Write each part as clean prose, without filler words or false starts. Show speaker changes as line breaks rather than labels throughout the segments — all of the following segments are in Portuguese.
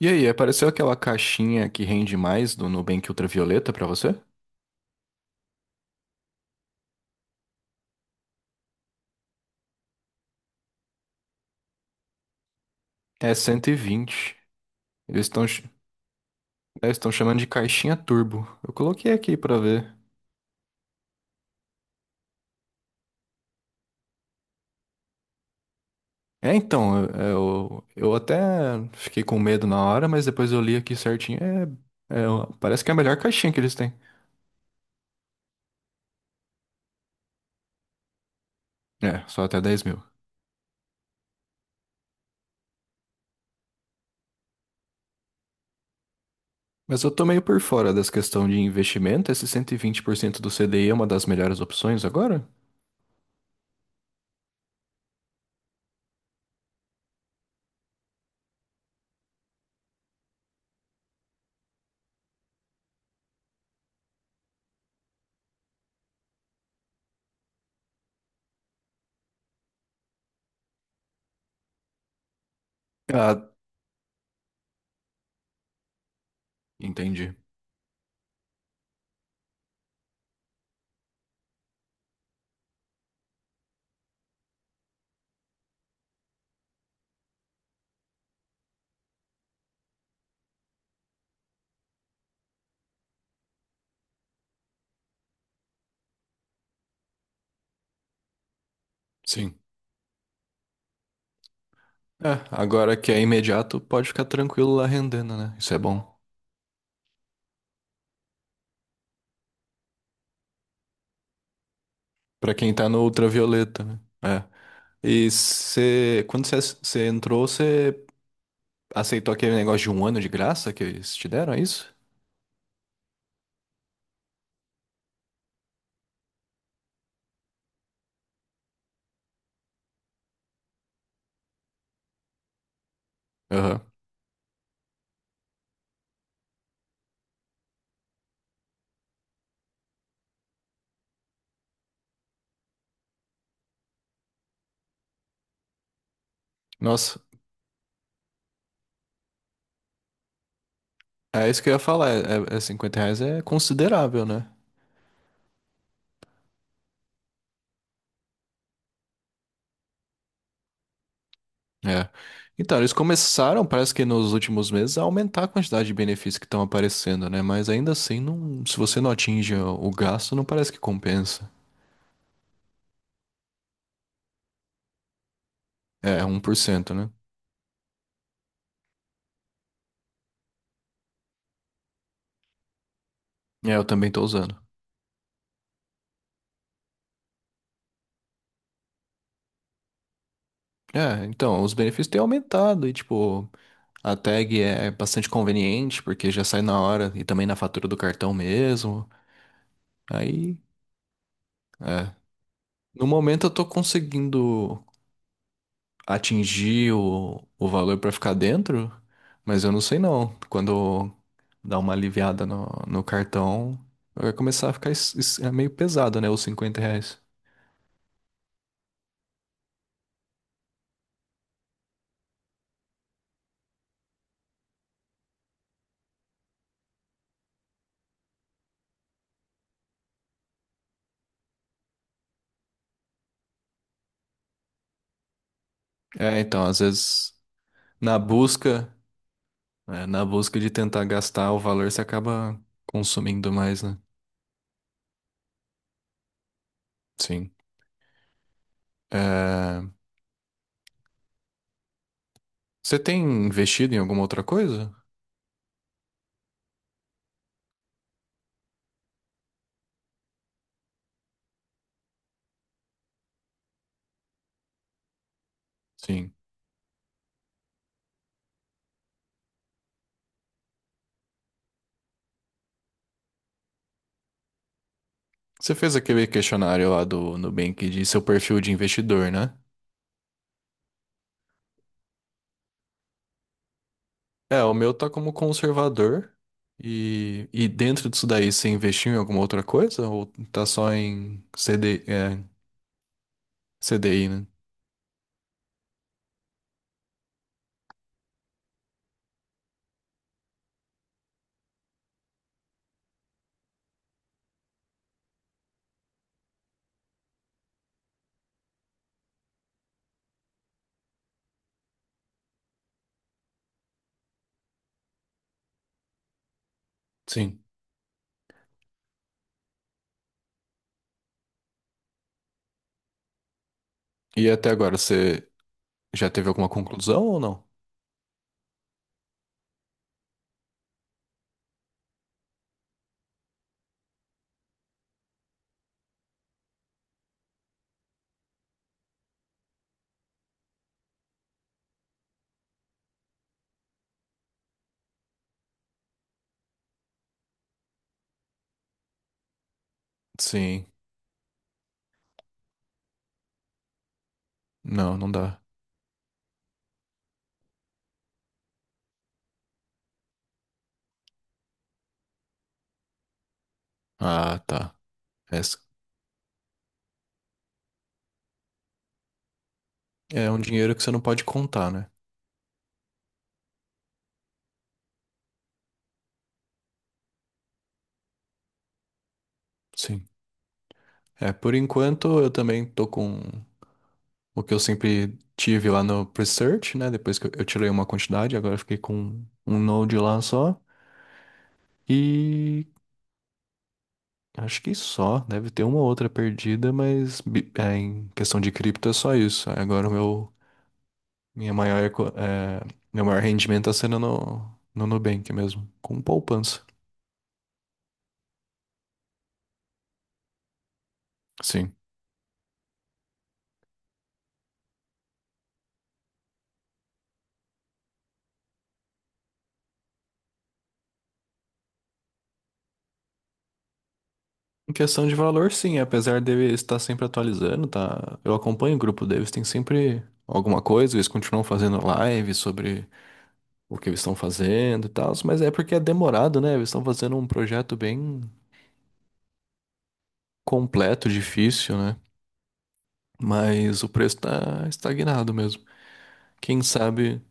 E aí, apareceu aquela caixinha que rende mais do Nubank Ultravioleta pra você? É 120. Eles estão chamando de caixinha turbo. Eu coloquei aqui pra ver. Eu até fiquei com medo na hora, mas depois eu li aqui certinho. É, Parece que é a melhor caixinha que eles têm. É, só até 10 mil. Mas eu tô meio por fora dessa questão de investimento. Esse 120% do CDI é uma das melhores opções agora? Ah, entendi. Sim. É, agora que é imediato, pode ficar tranquilo lá rendendo, né? Isso é bom. Pra quem tá no ultravioleta, né? É. E você, quando você entrou, você aceitou aquele negócio de 1 ano de graça que eles te deram, é isso? Aham. Nossa, é isso que eu ia falar. É, R$ 50 é considerável, né? É. Então, eles começaram, parece que nos últimos meses, a aumentar a quantidade de benefícios que estão aparecendo, né? Mas ainda assim, não, se você não atinge o gasto, não parece que compensa. É, 1%, né? É, eu também tô usando. É, então, os benefícios têm aumentado e, tipo, a tag é bastante conveniente porque já sai na hora e também na fatura do cartão mesmo. Aí, é. No momento eu tô conseguindo atingir o valor pra ficar dentro, mas eu não sei não. Quando dá uma aliviada no cartão, vai começar a ficar é meio pesado, né? Os R$ 50. É, então, às vezes, na busca. É, na busca de tentar gastar o valor, você acaba consumindo mais, né? Sim. É, você tem investido em alguma outra coisa? Sim. Você fez aquele questionário lá do Nubank de seu perfil de investidor, né? É, o meu tá como conservador. E dentro disso daí, você investiu em alguma outra coisa? Ou tá só em CD, CDI, né? Sim. E até agora, você já teve alguma conclusão ou não? Sim. Não, não dá. Ah, tá. É, é um dinheiro que você não pode contar, né? Sim. É, por enquanto eu também tô com o que eu sempre tive lá no Presearch, né? Depois que eu tirei uma quantidade, agora eu fiquei com um node lá só. E acho que só, deve ter uma ou outra perdida, mas em questão de cripto é só isso. Aí, agora minha maior, meu maior rendimento tá sendo no Nubank mesmo, com poupança. Sim. Em questão de valor, sim, apesar dele estar sempre atualizando, tá? Eu acompanho o grupo deles, tem sempre alguma coisa, eles continuam fazendo live sobre o que eles estão fazendo e tal, mas é porque é demorado, né? Eles estão fazendo um projeto bem completo, difícil, né? Mas o preço tá estagnado mesmo. Quem sabe,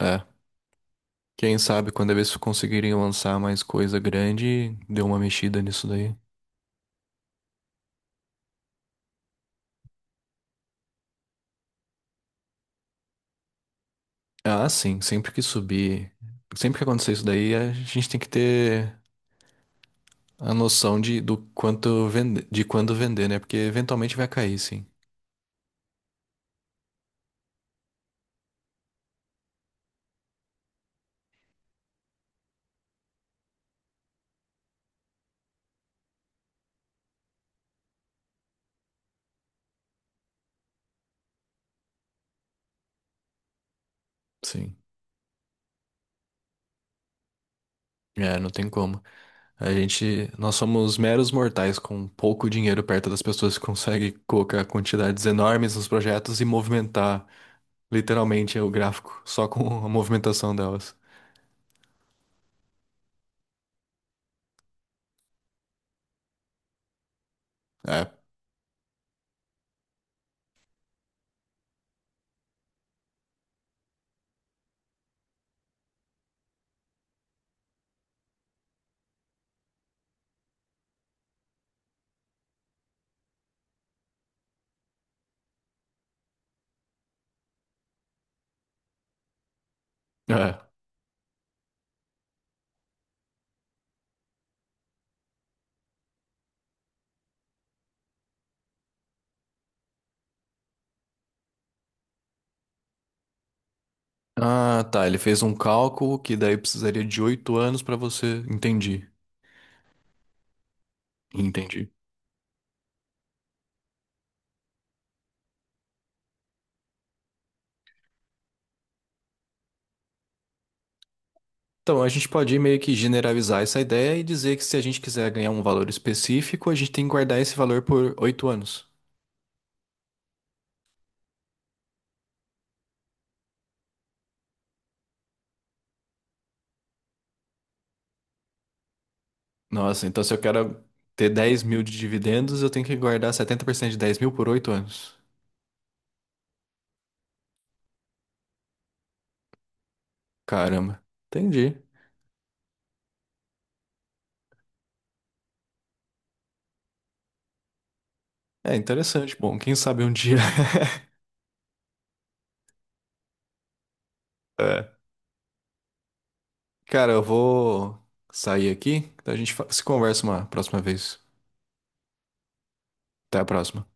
é, quem sabe quando eles conseguirem lançar mais coisa grande, deu uma mexida nisso daí. Ah, sim, sempre que subir, sempre que acontecer isso daí, a gente tem que ter a noção de, do quanto vende, de quando vender, né? Porque eventualmente vai cair, sim. Sim. É, não tem como. A gente, nós somos meros mortais com pouco dinheiro perto das pessoas que conseguem colocar quantidades enormes nos projetos e movimentar literalmente o gráfico só com a movimentação delas. É. É. Ah, tá. Ele fez um cálculo que daí precisaria de 8 anos pra você. Entendi. Entendi. Então, a gente pode meio que generalizar essa ideia e dizer que se a gente quiser ganhar um valor específico, a gente tem que guardar esse valor por 8 anos. Nossa, então se eu quero ter 10 mil de dividendos, eu tenho que guardar 70% de 10 mil por 8 anos. Caramba, entendi. É interessante. Bom, quem sabe um dia. É. Cara, eu vou sair aqui, então a gente se conversa uma próxima vez. Até a próxima.